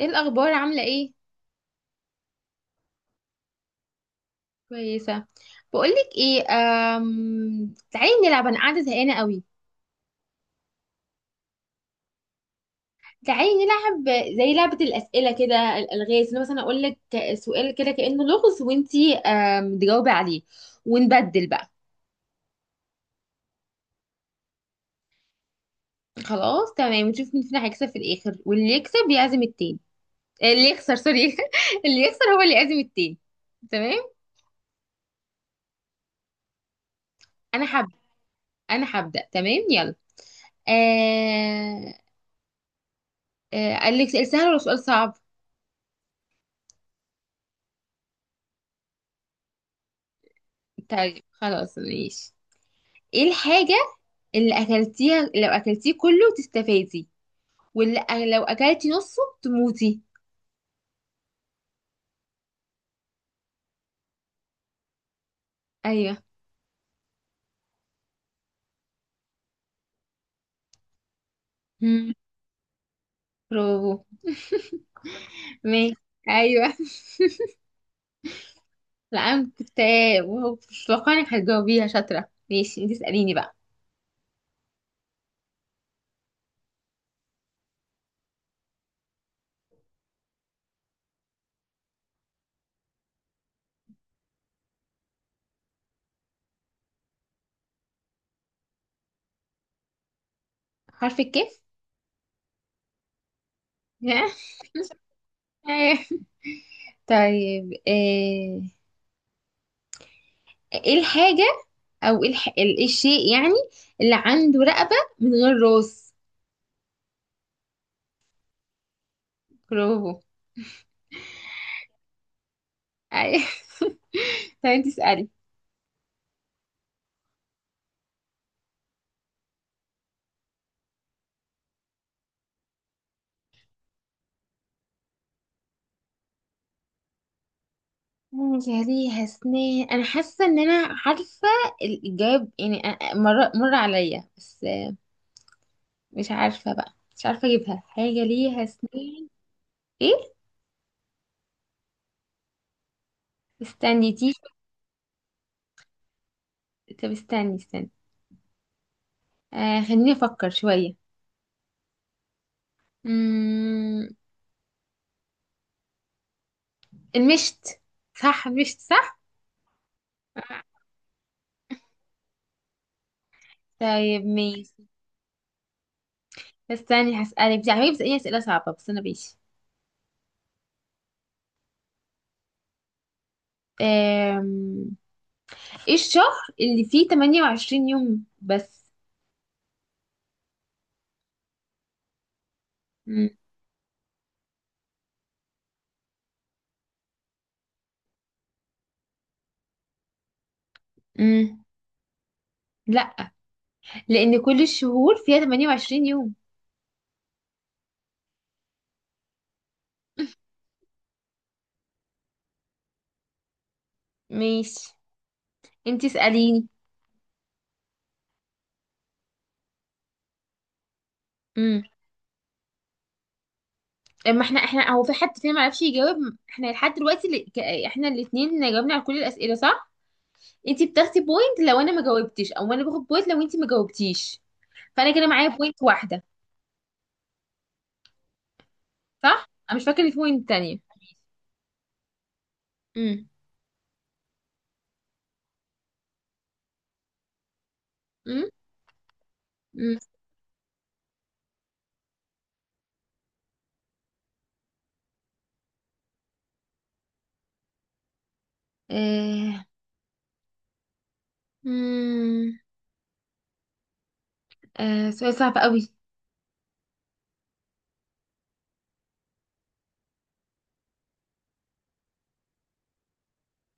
ايه الاخبار، عامله ايه؟ كويسه. بقولك ايه، تعالي نلعب، انا قاعده زهقانه قوي. تعالي نلعب زي لعبه الاسئله كده، الالغاز، إن مثلا اقول لك سؤال كده كانه لغز، وانتي تجاوبي عليه، ونبدل بقى. خلاص تمام، ونشوف مين فينا هيكسب في الاخر، واللي يكسب يعزم التاني. آه، اللي يخسر سوري. اللي يخسر هو اللي يعزم التاني. تمام. انا حب. انا هبدا، تمام يلا. آه... قال لك سؤال سهل ولا سؤال صعب؟ طيب خلاص ماشي. ايه الحاجة اللي اكلتيها لو اكلتيه كله تستفادي، واللي أ- لو اكلتي نصه تموتي؟ ايوه. مم. برافو. ماشي. ايوه. لا انا كنت. مش متوقعة انك هتجاوبيها، شاطرة. ماشي، انت اسأليني بقى. حرف الكاف. أيوة. طيب، آه، ايه الحاجة، او ايه الح... ال- إيه الشيء يعني اللي عنده رقبة من غير راس؟ برافو. ايوه. طيب انت اسألي. مم، يا ليها سنان، انا حاسه ان انا عارفه الاجابه يعني، مر مر عليا بس مش عارفه بقى، مش عارفه اجيبها. حاجه ليها سنان؟ ايه. استني دي. طب استني استني، آه خليني افكر شويه. امم المشت. صح، مشت صح. آه، طيب ماشي. بس استني، هسألك. دي عمالة بتسأليني أسئلة صعبة، بس أنا ماشي. آم، ايه الشهر اللي فيه 28 يوم بس؟ مم. مم. لا، لان كل الشهور فيها 28 يوم. ماشي، انتي اساليني. امم اما احنا هو في حد فينا ما عرفش يجاوب؟ احنا لحد دلوقتي احنا الاثنين جاوبنا على كل الاسئله صح. انتي بتاخدي بوينت لو انا ما جاوبتش، او انا باخد بوينت لو انتي ما جاوبتيش. فانا كده معايا بوينت واحده. صح، انا مش فاكره إن في بوينت تانية. امم امم امم آه. مم. آه، سؤال صعب قوي.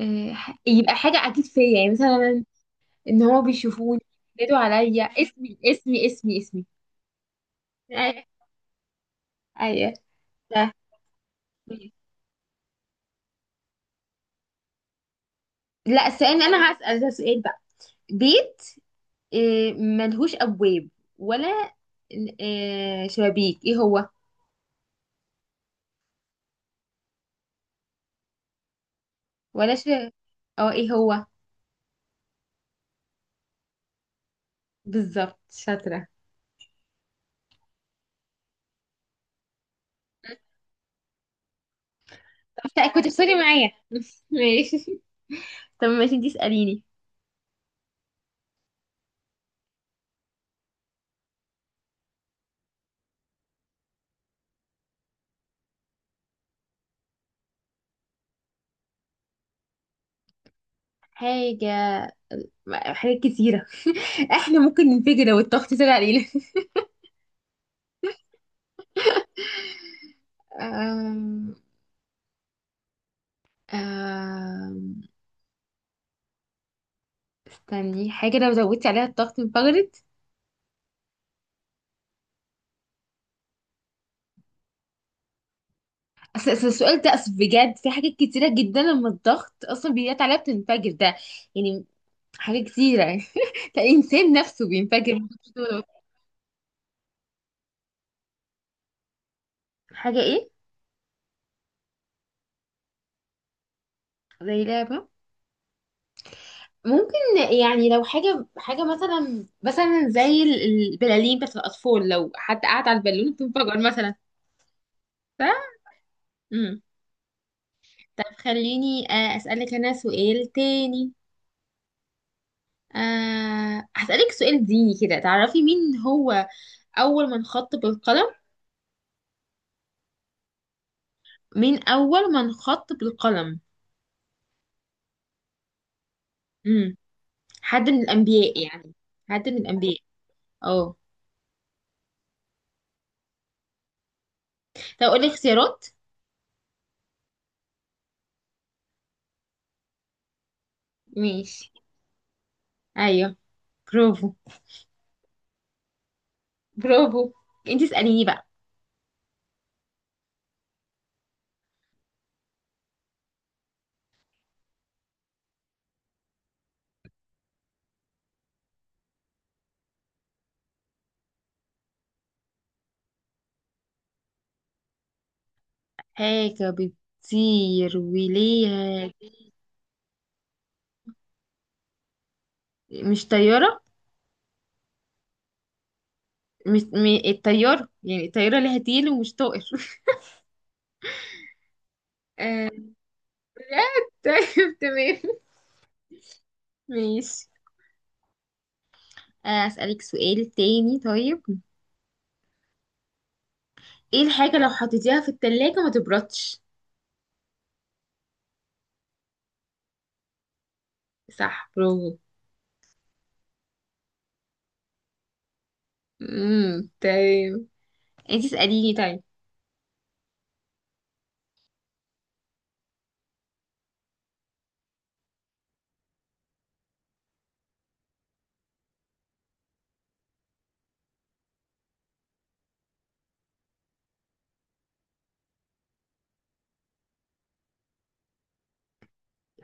آه، يبقى حاجه اكيد فيا، يعني مثلا ان هو بيشوفوني، بينادوا عليا اسمي اسمي اسمي اسمي. ايوه. ايوه. ده. لا، السؤال اللي انا هسأل ده سؤال بقى. بيت، آه، ملهوش ابواب، ولا، آه، شبابيك، ايه هو؟ ولا ش... اه، ايه هو؟ بالظبط، شاطرة. طب كنت بتسألي معايا. ماشي. طب ماشي، انتي اسأليني. حاجة، حاجات كتيرة. احنا ممكن ننفجر لو الضغط طلع علينا. آم، آم، استني، حاجة لو زودتي عليها الضغط انفجرت؟ أصل أصل السؤال ده، أصل بجد في حاجات كتيرة جدا لما الضغط أصلا بيجي عليها بتنفجر، ده يعني حاجة كتيرة يعني. الإنسان نفسه بينفجر. حاجة إيه؟ زي لعبة، ممكن. يعني لو حاجة حاجة مثلا مثلا زي البلالين بتاعت الأطفال، لو حد قعد على البالون بتنفجر مثلا. ف، مم. طب خليني، آه، أسألك أنا سؤال تاني. آه، هسألك سؤال ديني كده، تعرفي مين هو أول من خط بالقلم؟ مين أول من خط بالقلم؟ امم حد من الأنبياء يعني. حد من الأنبياء. اه. طب أقول لك اختيارات؟ ماشي. أيوه. برافو. برافو. انتي اسأليني بقى. حاجة بتطير وليها، مش طيارة. مش م... الطيارة، يعني الطيارة ليها تيل ومش طائر. آه... لا. طيب تمام ماشي. آه، أسألك سؤال تاني طيب. ايه الحاجة لو حطيتيها في التلاجة ما تبردش؟ صح، برافو. تمام. انتي اسأليني طيب.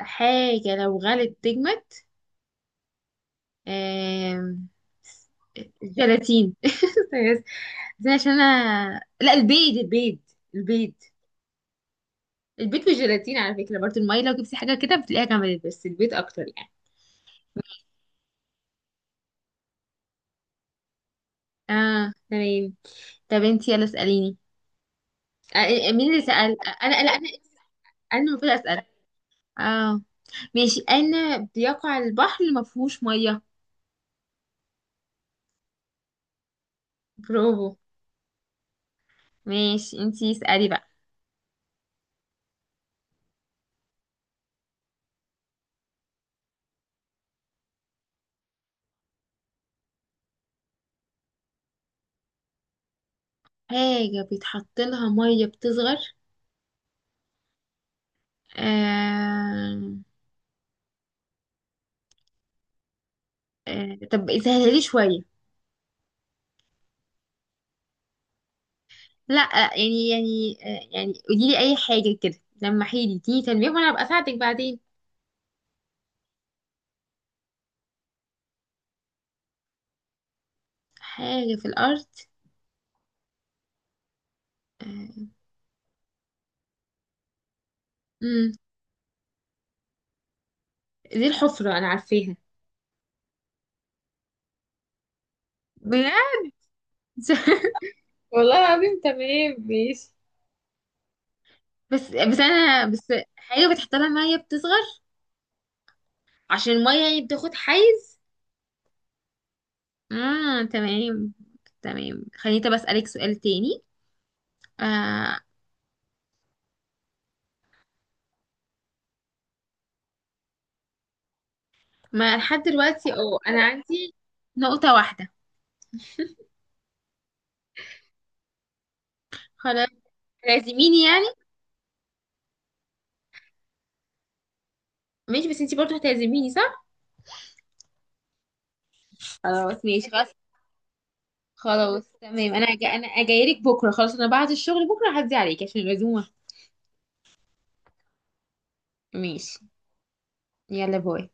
حاجة لو غلت تجمد؟ آم... الجيلاتين. بس، بس عشان انا، لا، البيض البيض. البيض. البيض والجيلاتين على فكرة، برضه المية، لو جبتي حاجة كده بتلاقيها جمدت، بس البيض اكتر يعني. اه تمام. طب انتي يلا اسأليني. مين اللي سأل، آه، انا لا انا. انا المفروض اسأل. اه ماشي. انا بيقع البحر اللي ما فيهوش مية. برافو. ماشي، انتي اسألي بقى. حاجة بيتحط لها مية بتصغر؟ آه... طب سهلها لي شوية. لا. يعني يعني، آه، يعني قولي لي اي حاجة كده لما حيلي دي تنبيه، وانا ابقى اساعدك بعدين. حاجة في الارض. آه... مم. دي الحفرة، انا عارفاها. بجد. والله العظيم. تمام ماشي. بس بس انا بس، حاجة بتحط لها مية بتصغر عشان المية يعني بتاخد حيز. آه تمام. تمام، خليني طب أسألك سؤال تاني، آه. ما لحد دلوقتي اه، أنا عندي نقطة واحدة. خلاص، هتعزميني يعني؟ ماشي، بس انتي برضه هتعزميني، صح؟ خلاص ماشي خلاص. خلاص تمام. أنا جايلك بكرة، خلاص أنا بعد الشغل بكرة هعدي عليك عشان العزومة. ماشي. يلا باي.